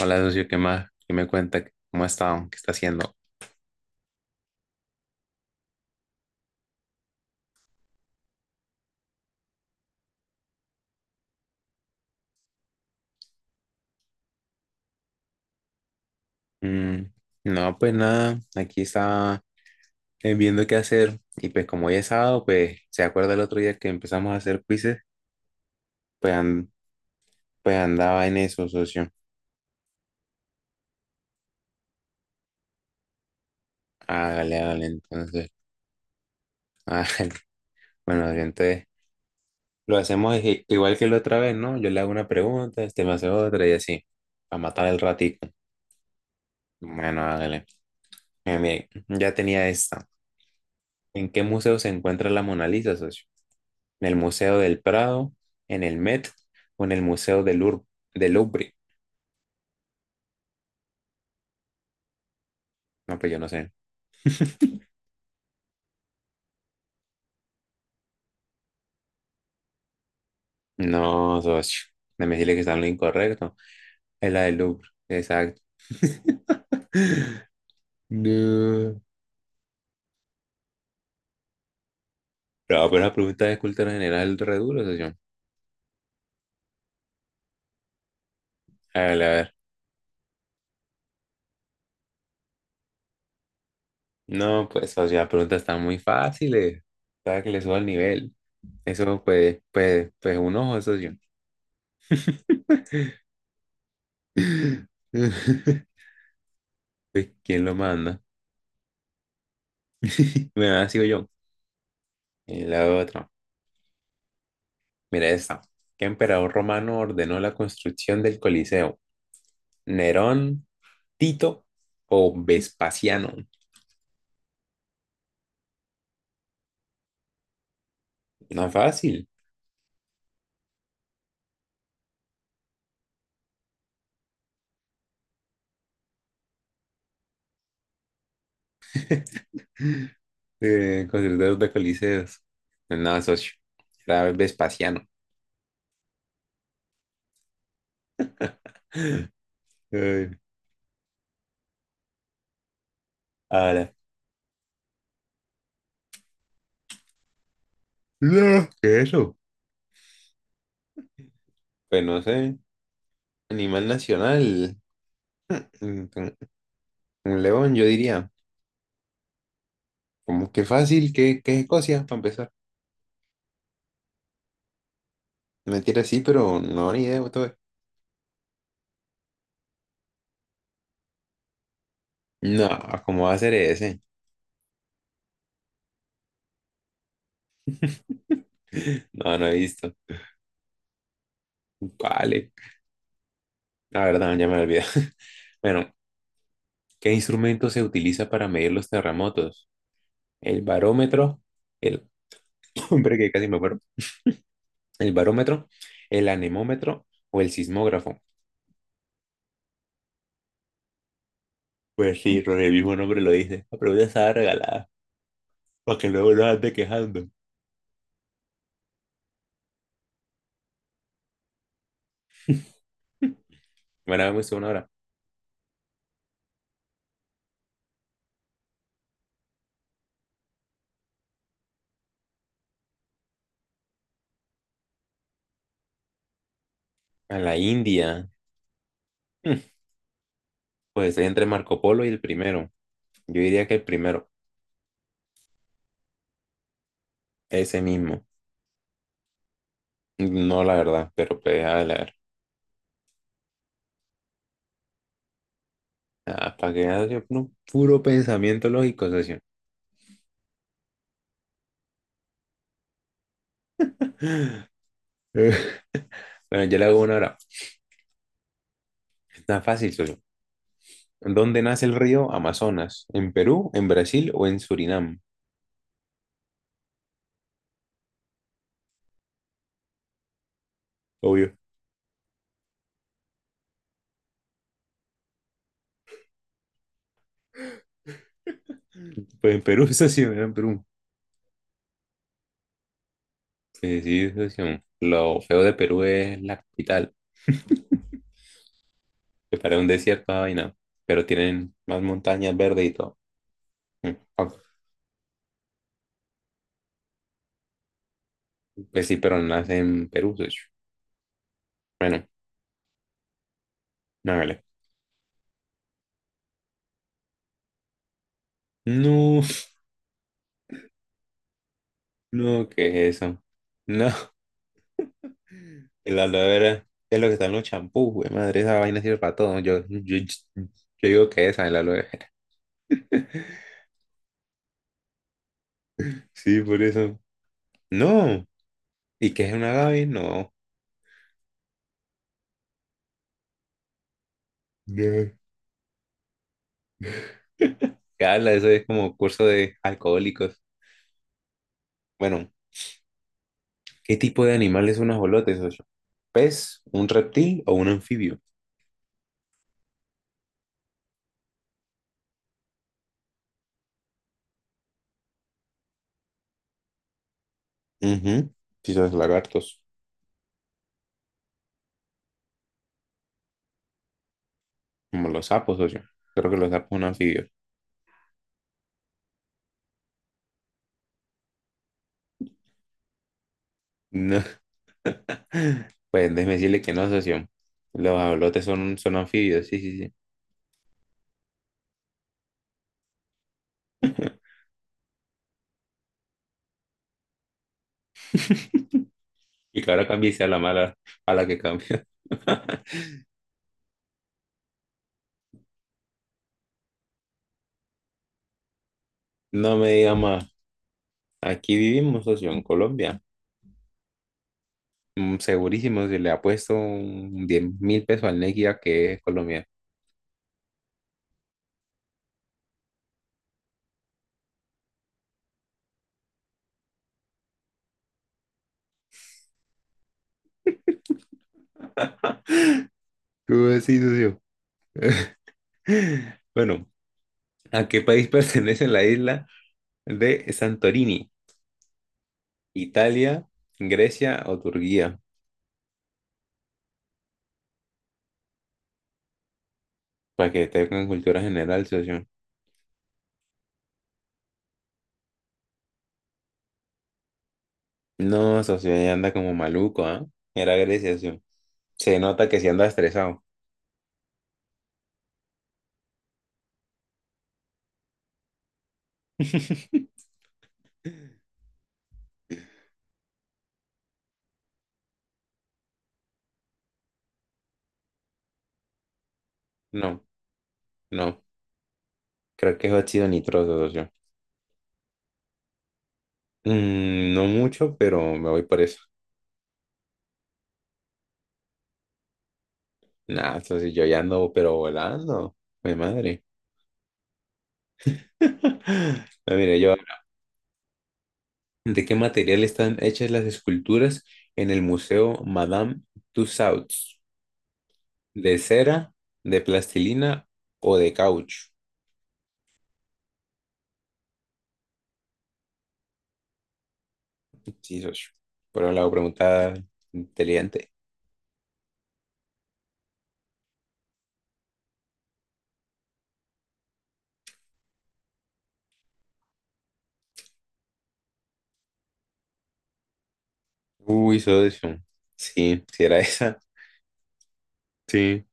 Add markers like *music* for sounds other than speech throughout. Hola, socio, ¿qué más? ¿Qué me cuenta? ¿Cómo ha estado? ¿Qué está haciendo? Mm, no, pues nada, aquí estaba viendo qué hacer y pues como hoy es sábado, pues se acuerda el otro día que empezamos a hacer quizzes, pues, an- pues andaba en eso, socio. Hágale, hágale, entonces. *laughs* hágale. Bueno, y entonces lo hacemos igual que la otra vez, ¿no? Yo le hago una pregunta, este me hace otra y así, para matar el ratito. Bueno, hágale. Mire, mire, ya tenía esta. ¿En qué museo se encuentra la Mona Lisa, socio? ¿En el Museo del Prado, en el Met o en el Museo del Louvre? No, pues yo no sé. No, socio. No me decirle que está en lo incorrecto. Es la del Louvre. Exacto. *laughs* No. Pero la pregunta de cultura general re duro, socio. A ver, a ver. No, pues, socio, las preguntas están muy fáciles. Para que le suba el nivel. Eso, pues, un ojo, socio. *laughs* Pues, ¿quién lo manda? *laughs* Bueno, ahora sigo yo. La otra. Mira esta. ¿Qué emperador romano ordenó la construcción del Coliseo? ¿Nerón, Tito o Vespasiano? No fácil. *laughs* Constructores de coliseos. Nada, socio. Era Vespasiano. Eh, Ahora. No, ¿qué es eso? Pues no sé. Animal nacional. Un un león, yo diría. Como que fácil, que es Escocia, para empezar. Mentira, sí, pero no, ni idea. Todo. No, ¿cómo va a ser ese? *laughs* No, no he visto. Vale, la verdad, ya me olvidé. *laughs* Bueno, ¿qué instrumento se utiliza para medir los terremotos? El barómetro, el... *coughs* *clears throat* Hombre, que casi me acuerdo. El barómetro, el anemómetro o el sismógrafo. Pues sí, con el mismo nombre lo dice. La pregunta estaba regalada, para que luego no ande quejando. Bueno, vamos a una hora. A la India. Hmm, pues estoy entre Marco Polo y el primero. Yo diría que el primero, ese mismo. No, la verdad, pero pues, a ver. Ah, para que veas, yo, no, puro pensamiento lógico, socio. *laughs* Eh, Bueno, yo le hago una hora. Está fácil, socio. ¿Dónde nace el río Amazonas? ¿En Perú, en Brasil o en Surinam? Obvio. Pues en Perú, *laughs* socio, era en Perú. Sí, sí, socio. Lo feo de Perú es la capital, que parece un desierto, esa vaina, pero tienen más montañas verdes y todo. Mm, ok. Pues sí, pero no nace en Perú, socio. Bueno, no, vale. No, *laughs* no, ¿qué es eso? No. El aloe vera es lo que está en los champús, güey. Madre, esa vaina sirve para todo. Yo digo que esa es la aloe vera. *laughs* Sí, por eso. No. ¿Y qué es una agave? No. No. ¿Qué habla? Eso es como curso de alcohólicos. Bueno, ¿qué tipo de animal es un ajolote, socio? ¿Pez, un reptil o un anfibio? Ujú. Quizás lagartos, como los sapos, socio. Creo que los sapos son anfibios. No. *laughs* Pues déjeme decirle que no, socio. Los ajolotes son, son anfibios, sí, sí, sí. *laughs* Y que ahora cambie y sea la mala a la que cambia. *laughs* No me diga más. Aquí vivimos, socio, en Colombia. Mm, segurísimo, si le ha puesto un 10.000 pesos al Neguía que es colombiano. ¿Cómo así, socio? *laughs* Bueno, ¿a qué país *laughs* pertenece la isla de Santorini? ¿Italia, Grecia o Turquía? Para que tengan cultura general, socio. No, socio, ya anda como maluco, ¿ah? Era Grecia, socio. Se nota que sí anda estresado. *laughs* No, no. Creo que es óxido nitroso, socio. Mm, no mucho, pero me voy por eso. Nah, entonces yo ya ando, pero volando. Mi madre. *laughs* No, mire, yo. ¿De qué material están hechas las esculturas en el Museo Madame Tussauds? ¿De cera, de plastilina o de caucho? Sí, socio. Por un lado, pregunta inteligente. Uy, socio. Sí, si era esa. Sí.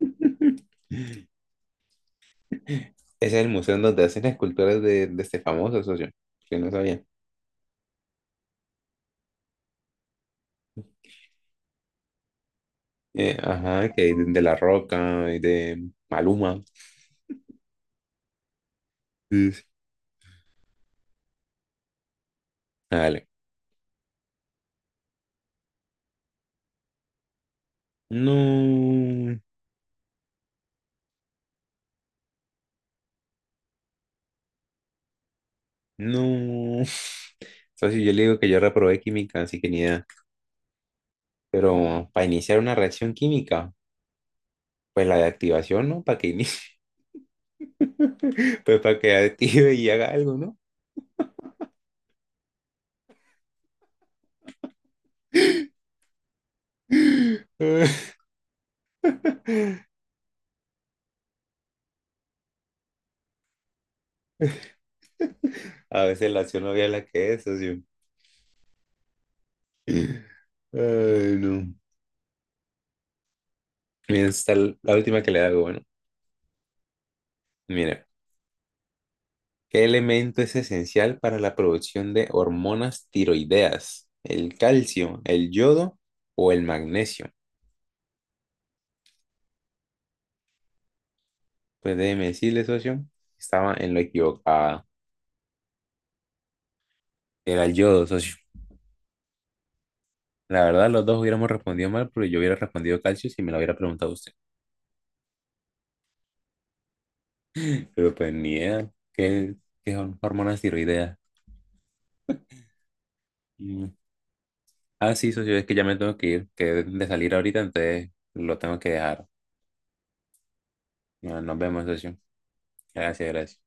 *laughs* Ese es el museo en donde hacen esculturas de este famoso socio, que no sabía. Ajá, que de La Roca y de Maluma. Sí, sí. Dale. No, no. *laughs* Socio, yo le digo que yo reprobé química, así que ni idea. Pero para iniciar una reacción química, pues la de activación, ¿no? Para que inicie, *laughs* pues para que active y haga algo, ¿no? *laughs* A veces la acción no es la que es, socio. Ay, no. Bien, esta es la última que le hago, bueno. Mira, ¿qué elemento es esencial para la producción de hormonas tiroideas? ¿El calcio, el yodo o el magnesio? Pues déjeme decirle, socio, estaba en lo equivocado. Era el yodo, socio. La verdad, los dos hubiéramos respondido mal, pero yo hubiera respondido calcio si me lo hubiera preguntado usted. Pero pues ni idea. ¿Qué, qué son hormonas tiroideas? Mm. Ah, sí, socio, es que ya me tengo que ir, que he de salir ahorita, entonces lo tengo que dejar. Bueno, nos vemos, socio. Gracias, gracias.